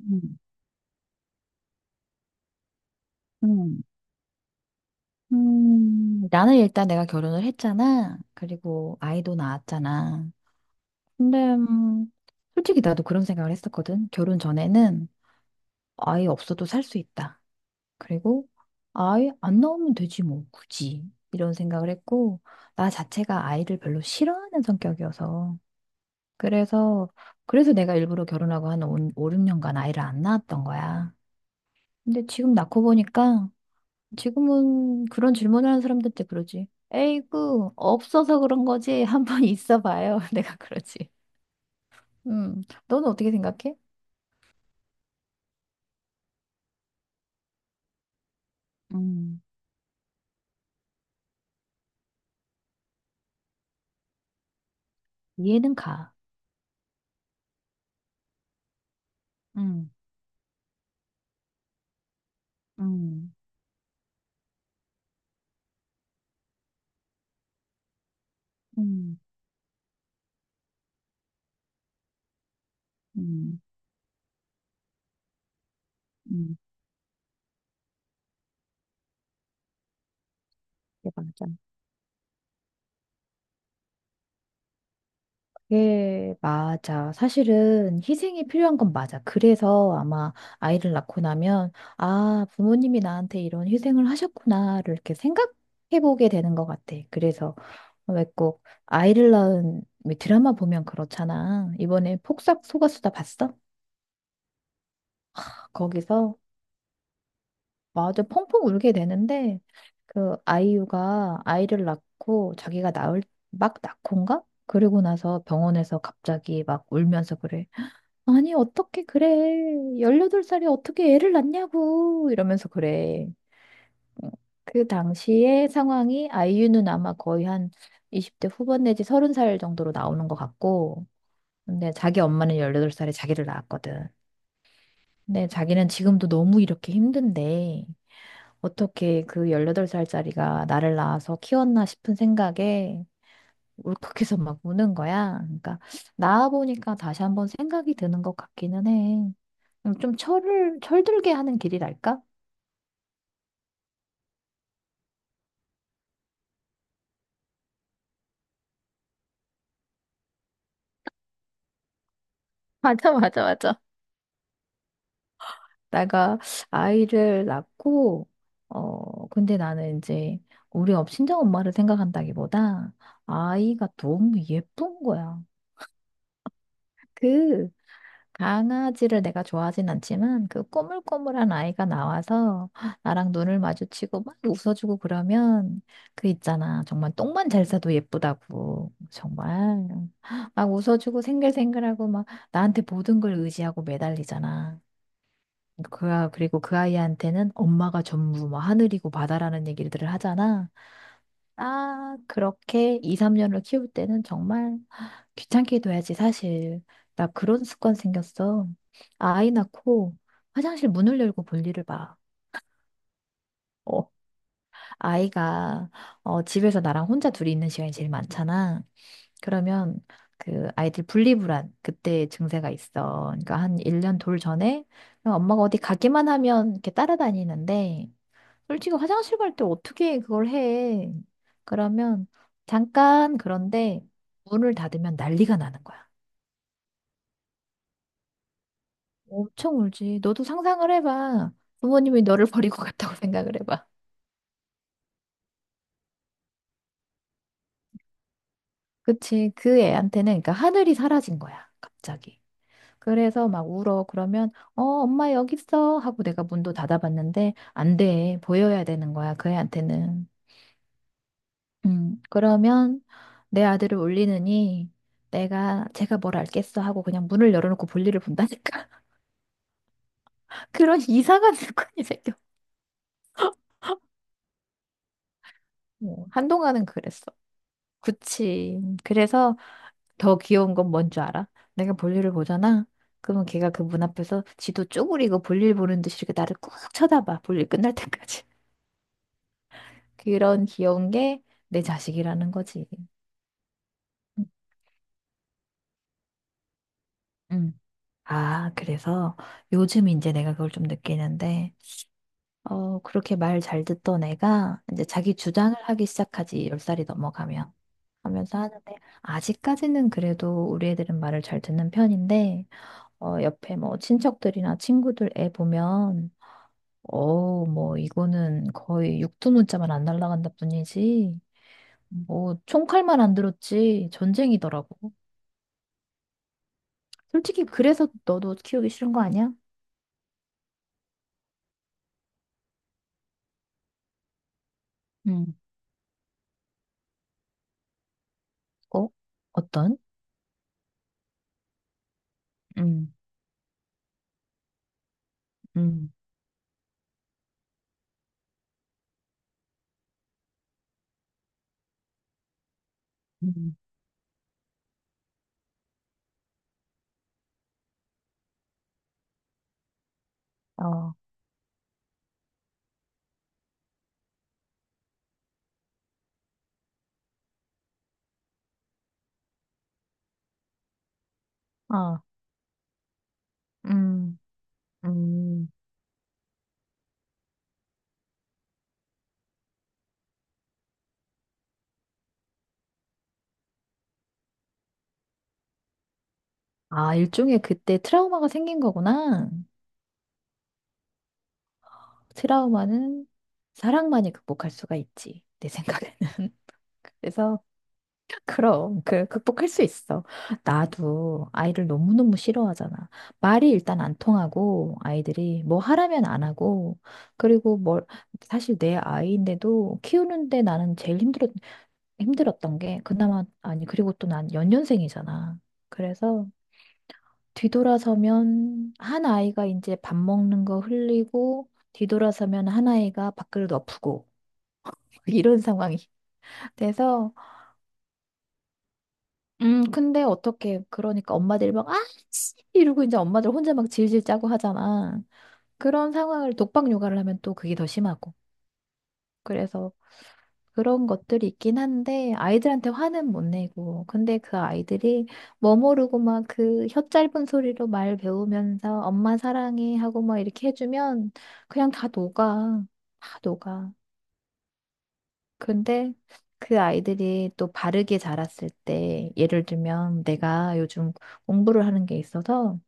음, 음, 나는 일단 내가 결혼을 했잖아. 그리고 아이도 낳았잖아. 근데, 솔직히 나도 그런 생각을 했었거든. 결혼 전에는 아이 없어도 살 수 있다. 그리고 아이 안 나오면 되지 뭐, 굳이. 이런 생각을 했고, 나 자체가 아이를 별로 싫어하는 성격이어서. 그래서, 그래서 내가 일부러 결혼하고 한 5, 6년간 아이를 안 낳았던 거야. 근데 지금 낳고 보니까 지금은 그런 질문을 하는 사람들한테 그러지. 에이구, 없어서 그런 거지. 한번 있어 봐요. 내가 그러지. 음, 너는 어떻게 생각해? 음, 이해는 가. 음, 음, 음, 음, 음, 음. 맞아. 예, 맞아. 사실은 희생이 필요한 건 맞아. 그래서 아마 아이를 낳고 나면, 아, 부모님이 나한테 이런 희생을 하셨구나를 이렇게 생각해보게 되는 것 같아. 그래서 왜 꼭 아이를 낳은 왜 드라마 보면 그렇잖아. 이번에 폭삭 속았수다 봤어? 거기서 맞아 펑펑 울게 되는데 그 아이유가 아이를 낳고 자기가 낳을 막 낳고인가? 그리고 나서 병원에서 갑자기 막 울면서 그래. 아니, 어떻게 그래. 18살이 어떻게 애를 낳냐고. 이러면서 그래. 어, 그 당시의 상황이 아이유는 아마 거의 한 20대 후반 내지 30살 정도로 나오는 것 같고. 근데 자기 엄마는 18살에 자기를 낳았거든. 근데 자기는 지금도 너무 이렇게 힘든데 어떻게 그 18살짜리가 나를 낳아서 키웠나 싶은 생각에 울컥해서 막 우는 거야. 그러니까 낳아보니까 다시 한번 생각이 드는 것 같기는 해. 어, 좀 철들게 하는 길이랄까? 맞아, 맞아, 맞아. 내가 아이를 낳고, 근데 나는 이제 우리 친정 엄마를 생각한다기보다 아이가 너무 예쁜 거야. 그 강아지를 내가 좋아하진 않지만 그 꼬물꼬물한 아이가 나와서 나랑 눈을 마주치고 막 웃어주고 그러면 그 있잖아. 정말 똥만 잘 싸도 예쁘다고. 정말 막 웃어주고 생글생글하고 막 나한테 모든 걸 의지하고 매달리잖아. 그리고 그 아이한테는 엄마가 전부 뭐 하늘이고 바다라는 얘기들을 하잖아. 아, 그렇게 2, 3년을 키울 때는 정말 귀찮게 둬야지, 사실. 나 그런 습관 생겼어. 아이 낳고 화장실 문을 열고 볼일을 봐. 어, 아이가 집에서 나랑 혼자 둘이 있는 시간이 제일 많잖아. 그러면 그 아이들 분리불안 그때 증세가 있어. 그러니까 한 1년 돌 전에 엄마가 어디 가기만 하면 이렇게 따라다니는데 솔직히 화장실 갈 때 어떻게 그걸 해? 그러면 잠깐 그런데 문을 닫으면 난리가 나는 거야. 엄청 울지. 너도 상상을 해봐. 부모님이 너를 버리고 갔다고 생각을 해봐. 그치. 그 애한테는 그러니까 하늘이 사라진 거야. 갑자기. 그래서 막 울어. 그러면 어 엄마 여기 있어 하고 내가 문도 닫아봤는데 안 돼. 보여야 되는 거야. 그 애한테는. 그러면 내 아들을 울리느니 내가 제가 뭘 알겠어 하고 그냥 문을 열어놓고 볼일을 본다니까. 그런 이상한 습관이 생겨. 한동안은 그랬어. 그치. 그래서 더 귀여운 건 뭔 줄 알아? 내가 볼일을 보잖아. 그러면 걔가 그 문 앞에서 지도 쪼그리고 볼일 보는 듯이 이렇게 나를 꾹 쳐다봐. 볼일 끝날 때까지. 그런 귀여운 게 내 자식이라는 거지. 음. 아, 그래서 요즘 이제 내가 그걸 좀 느끼는데 어, 그렇게 말 잘 듣던 애가 이제 자기 주장을 하기 시작하지, 10살이 넘어가면. 하면서 하는데, 아직까지는 그래도 우리 애들은 말을 잘 듣는 편인데, 옆에 뭐 친척들이나 친구들 애 보면, 뭐 이거는 거의 육두문자만 안 날라간다 뿐이지, 뭐 총칼만 안 들었지, 전쟁이더라고. 솔직히 그래서 너도 키우기 싫은 거 아니야? 음, 어? 어떤? 음, 음, 음. 어, 어, 음. 음, 아, 일종의 그때 트라우마가 생긴 거구나. 트라우마는 사랑만이 극복할 수가 있지. 내 생각에는. 그래서, 그럼, 극복할 수 있어. 나도 아이를 너무너무 싫어하잖아. 말이 일단 안 통하고, 아이들이 뭐 하라면 안 하고, 그리고 뭘, 사실 내 아이인데도 키우는데 나는 제일 힘들었던 게, 그나마, 아니, 그리고 또 난 연년생이잖아. 그래서, 뒤돌아서면 한 아이가 이제 밥 먹는 거 흘리고 뒤돌아서면 한 아이가 밥그릇 엎고 이런 상황이 돼서 근데 어떻게 그러니까 엄마들이 막 아씨 이러고 이제 엄마들 혼자 막 질질 짜고 하잖아. 그런 상황을 독박 육아를 하면 또 그게 더 심하고. 그래서 그런 것들이 있긴 한데 아이들한테 화는 못 내고 근데 그 아이들이 뭐 모르고 막 그 혀 짧은 소리로 말 배우면서 엄마 사랑해 하고 막 이렇게 해주면 그냥 다 녹아 다 녹아. 근데 그 아이들이 또 바르게 자랐을 때 예를 들면 내가 요즘 공부를 하는 게 있어서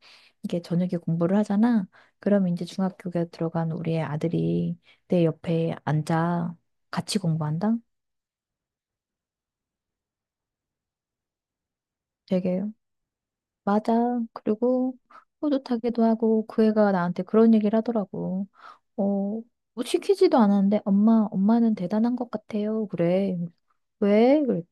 이게 저녁에 공부를 하잖아. 그럼 이제 중학교에 들어간 우리의 아들이 내 옆에 앉아 같이 공부한다. 되게 맞아. 그리고 뿌듯하기도 하고 그 애가 나한테 그런 얘기를 하더라고. 어, 뭐 시키지도 않았는데 엄마, 엄마는 대단한 것 같아요. 그래. 왜? 그랬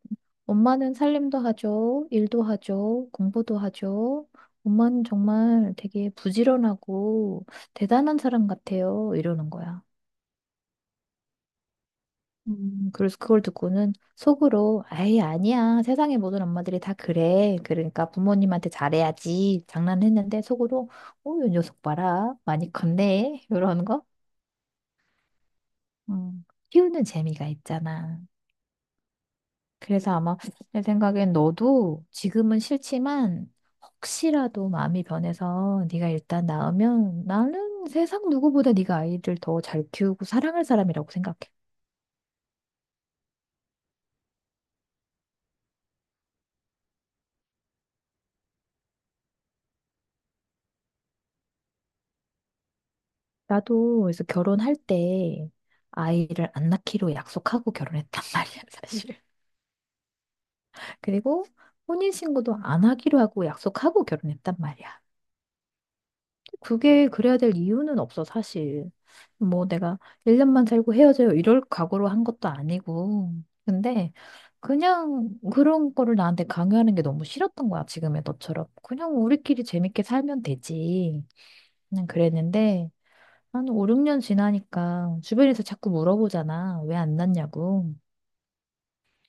엄마는 살림도 하죠. 일도 하죠. 공부도 하죠. 엄마는 정말 되게 부지런하고 대단한 사람 같아요. 이러는 거야. 그래서 그걸 듣고는 속으로, 아이, 아니야. 세상의 모든 엄마들이 다 그래. 그러니까 부모님한테 잘해야지. 장난했는데 속으로, 오, 이 녀석 봐라. 많이 컸네. 이런 거. 키우는 재미가 있잖아. 그래서 아마 내 생각엔 너도 지금은 싫지만 혹시라도 마음이 변해서 네가 일단 낳으면 나는 세상 누구보다 네가 아이를 더 잘 키우고 사랑할 사람이라고 생각해. 나도 그래서 결혼할 때 아이를 안 낳기로 약속하고 결혼했단 말이야, 사실. 그리고 혼인신고도 안 하기로 하고 약속하고 결혼했단 말이야. 그게 그래야 될 이유는 없어, 사실. 뭐 내가 1년만 살고 헤어져요 이럴 각오로 한 것도 아니고. 근데 그냥 그런 거를 나한테 강요하는 게 너무 싫었던 거야, 지금의 너처럼. 그냥 우리끼리 재밌게 살면 되지. 그냥 그랬는데 한 5, 6년 지나니까 주변에서 자꾸 물어보잖아. 왜 안 났냐고.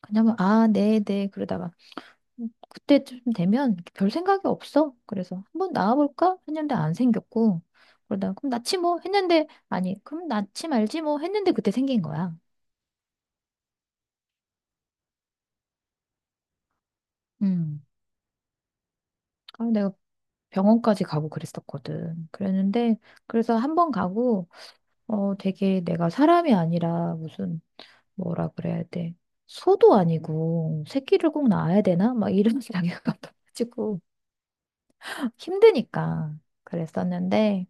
그냥 뭐, 아, 네, 네. 그러다가 그때쯤 되면 별 생각이 없어. 그래서 한번 나와볼까? 했는데 안 생겼고. 그러다가 그럼 낳지 뭐 했는데 아니, 그럼 낳지 말지 뭐 했는데 그때 생긴 거야. 음. 아, 내가 병원까지 가고 그랬었거든. 그랬는데 그래서 한번 가고 어 되게 내가 사람이 아니라 무슨 뭐라 그래야 돼. 소도 아니고 새끼를 꼭 낳아야 되나? 막 이런 생각이 가지고 힘드니까 그랬었는데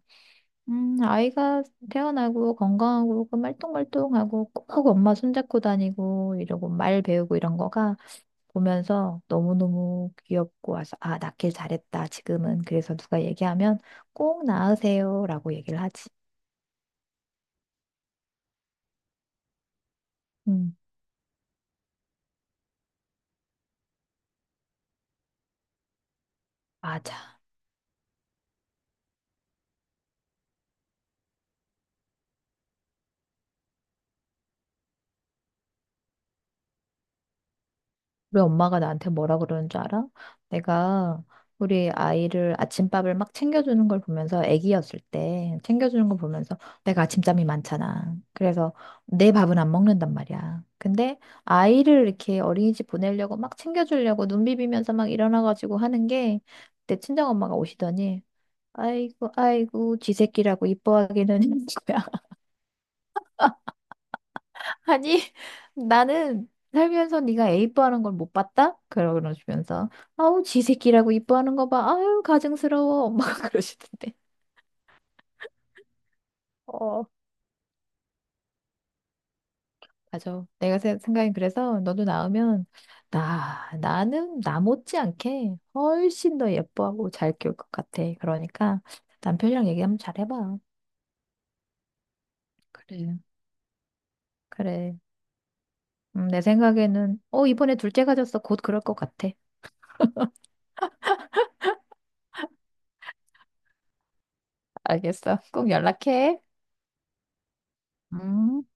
아이가 태어나고 건강하고 그 말똥말똥하고 꼭 하고 엄마 손잡고 다니고 이러고 말 배우고 이런 거가 보면서 너무너무 귀엽고 와서 아, 낳길 잘했다. 지금은 그래서 누가 얘기하면 꼭 낳으세요라고 얘기를 하지. 음, 맞아. 우리 엄마가 나한테 뭐라 그러는 줄 알아? 내가 우리 아이를 아침밥을 막 챙겨주는 걸 보면서 아기였을 때 챙겨주는 걸 보면서 내가 아침잠이 많잖아. 그래서 내 밥은 안 먹는단 말이야. 근데 아이를 이렇게 어린이집 보내려고 막 챙겨주려고 눈 비비면서 막 일어나가지고 하는 게 내 친정엄마가 오시더니 아이고 아이고 쥐 새끼라고 이뻐하기는 아니, 나는 살면서 네가 애 이뻐하는 걸 못 봤다? 그러시면서 아우 지 새끼라고 이뻐하는 거 봐. 아유 가증스러워. 엄마가 그러시던데. 어, 맞아. 내가 생각이 그래서 너도 낳으면 나 나는 나 못지않게 훨씬 더 예뻐하고 잘 키울 것 같아. 그러니까 남편이랑 얘기 한번 잘 해봐. 그래. 그래. 내 생각에는 이번에 둘째 가졌어. 곧 그럴 것 같아. 알겠어. 꼭 연락해. 음.